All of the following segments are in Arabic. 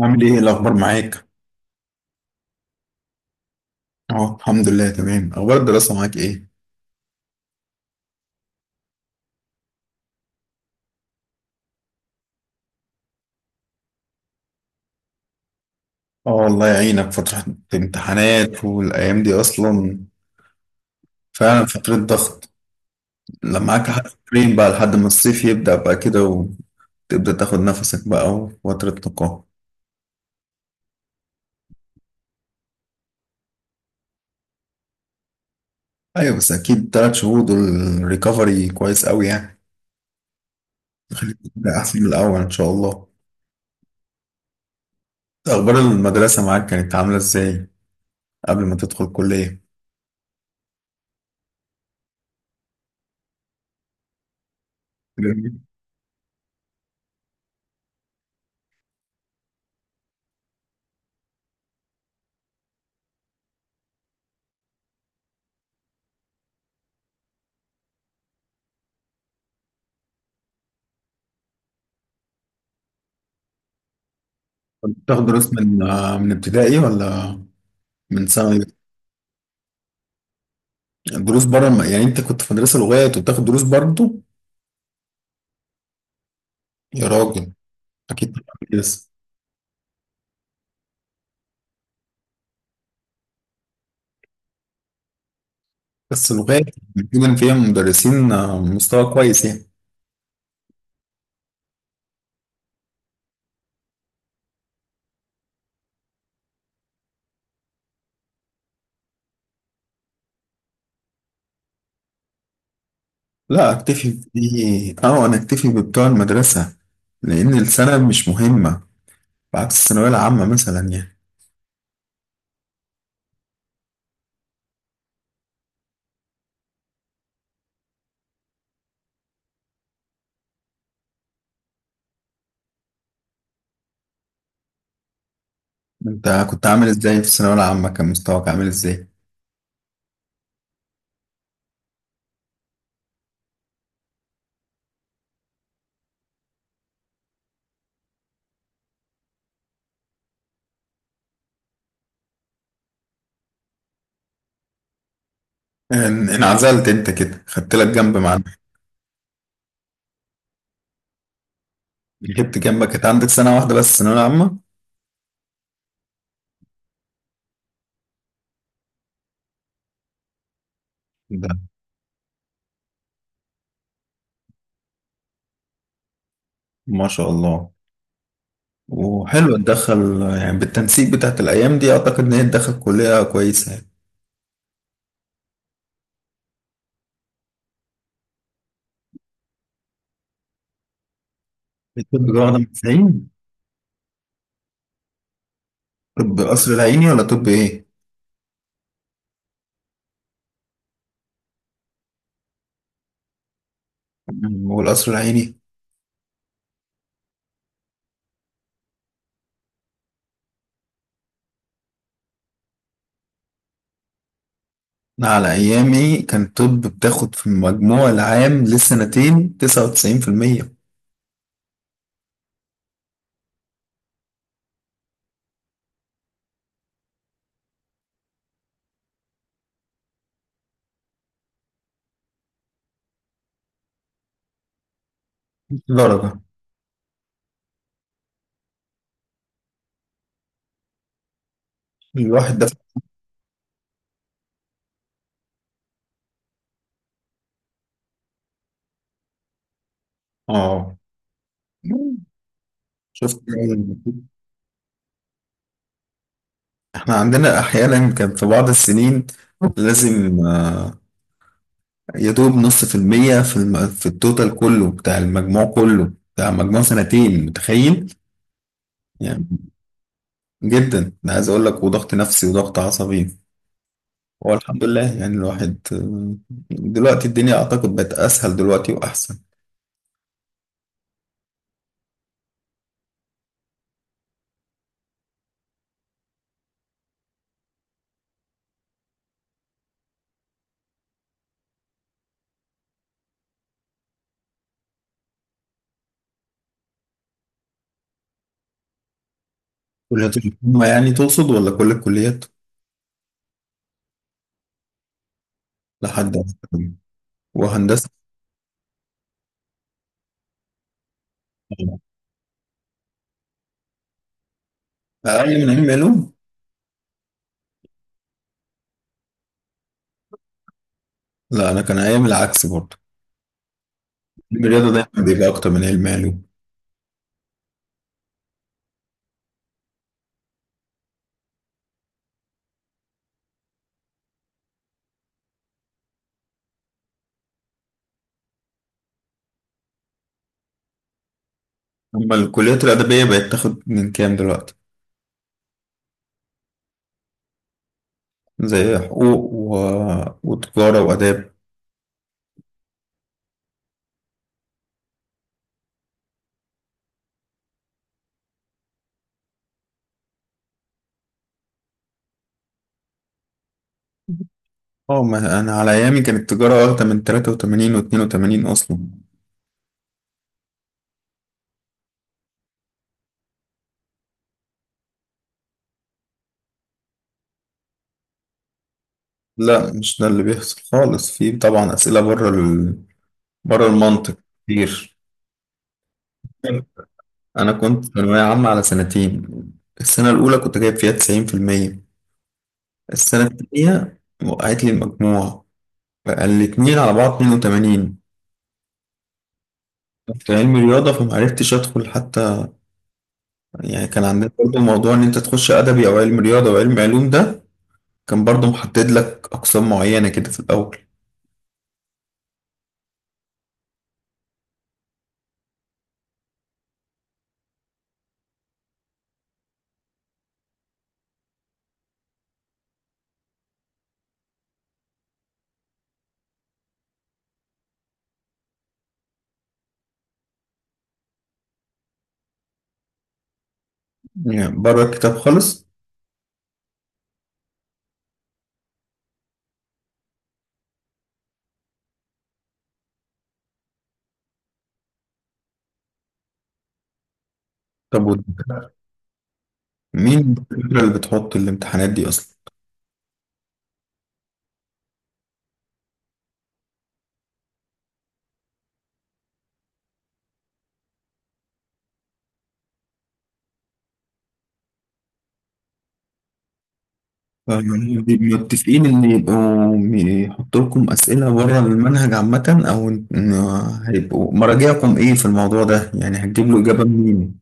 عامل ايه؟ إيه الاخبار معاك؟ اه، الحمد لله، تمام. اخبار الدراسه معاك ايه؟ اه، الله يعينك. فتره امتحانات والايام دي اصلا فعلا فتره ضغط. لما معاك حاجتين بقى لحد ما الصيف يبدا بقى كده، وتبدا تاخد نفسك بقى، وفتره نقاهه. ايوه، بس اكيد 3 شهور دول ريكفري كويس قوي يعني. ده احسن من الاول ان شاء الله. اخبار المدرسه معاك كانت عامله ازاي قبل ما تدخل كليه؟ كنت بتاخد دروس من ابتدائي ولا من ثانوي؟ الدروس بره يعني انت كنت في مدرسه لغات وبتاخد دروس برضه؟ يا راجل، اكيد طبعاً. بس لغات. بيكون فيها مدرسين، مستوى كويس يعني. لا، اكتفي بدي، انا اكتفي ببتوع المدرسه، لان السنه مش مهمه بعكس الثانويه العامه مثلا يعني. انت كنت عامل ازاي في الثانويه العامه؟ كان مستواك عامل ازاي؟ انعزلت انت كده خدت لك جنب؟ مع جبت جنبك كانت عندك سنه واحده بس الثانويه العامه. ده ما شاء الله. وحلو تدخل يعني بالتنسيق بتاعت الأيام دي، أعتقد إن هي تدخل كلية كويسة يعني. الطب ده واخدة من العين؟ طب القصر العيني ولا طب إيه؟ هو القصر العيني. أنا على أيامي كان طب بتاخد في المجموع العام للسنتين 99% درجة. الواحد ده، آه شفت. إحنا عندنا أحيانا كان في بعض السنين لازم، يا دوب نص في المية في في التوتال كله بتاع المجموع، كله بتاع مجموع سنتين، متخيل يعني؟ جدا، انا عايز اقول لك، وضغط نفسي وضغط عصبي. هو الحمد لله، يعني الواحد دلوقتي الدنيا اعتقد بقت اسهل دلوقتي واحسن. كليات الحكومة يعني تقصد ولا كل الكليات؟ لحد آخر. وهندسة اقل من علم علوم. لا، انا كان ايام العكس برضه. علم الرياضة دايما بيبقى اكتر من علم علوم. اما الكليات الادبية بقت تاخد من كام دلوقتي؟ زي حقوق وتجارة وآداب. اه، ما أنا على أيامي كانت التجارة واخدة من 83 و82 أصلا. لا، مش ده اللي بيحصل خالص. في طبعا أسئلة بره بره المنطق كتير. أنا كنت ثانوية عامة على سنتين. السنة الأولى كنت جايب فيها 90%، السنة التانية وقعت لي المجموع، بقى الاتنين على بعض 82. كنت علمي رياضة فمعرفتش أدخل حتى. يعني كان عندنا برضه موضوع إن أنت تخش أدبي أو علم رياضة وعلم علوم، ده كان برضو محدد لك أقسام معينة كده في الأول. يعني بره الكتاب خالص؟ طب وده؟ مين الفكرة اللي بتحط الامتحانات دي أصلا؟ فهم متفقين إن يبقوا يحطوا لكم أسئلة بره المنهج عامة، أو إن هيبقوا مراجعكم إيه في الموضوع ده؟ يعني هتجيب له إجابة منين؟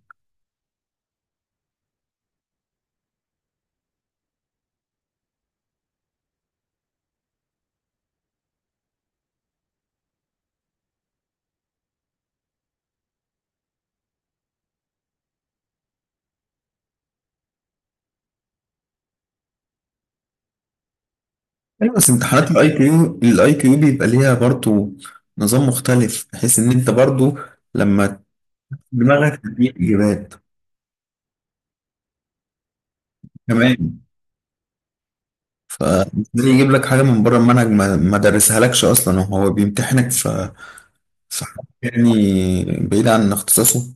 أيوة، بس امتحانات IQ، IQ بيبقى ليها برضو نظام مختلف بحيث إن أنت برضو لما دماغك تديك إجابات. تمام. ليه يجيب لك حاجة من بره المنهج ما درسهالكش أصلا، وهو بيمتحنك في حاجة يعني بعيد عن اختصاصه؟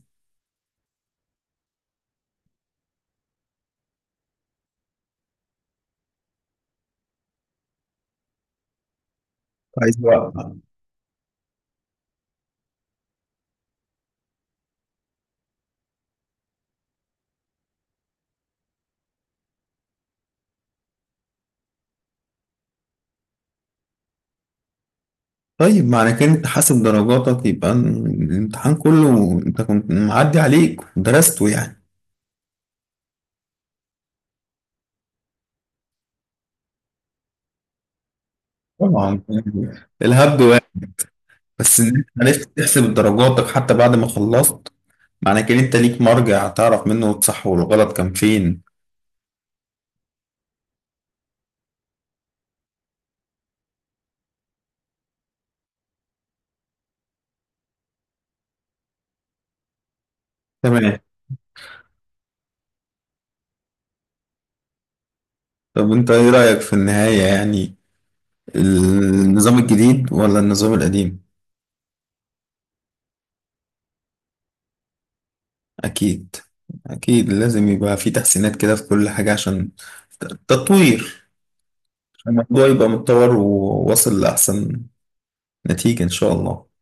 عايز وقت. طيب، معنى كده أنت حاسب درجاتك؟ يبقى الامتحان كله أنت كنت معدي عليك ودرسته يعني. طبعا، الهبد واحد. بس إن أنت عرفت تحسب درجاتك حتى بعد ما خلصت، معنى كده أنت ليك مرجع تعرف منه الصح والغلط كان فين. تمام. طب أنت إيه رأيك في النهاية يعني؟ النظام الجديد ولا النظام القديم؟ أكيد. أكيد لازم يبقى في تحسينات كده في كل حاجة عشان تطوير. عشان الموضوع يبقى متطور وواصل لأحسن نتيجة إن شاء الله.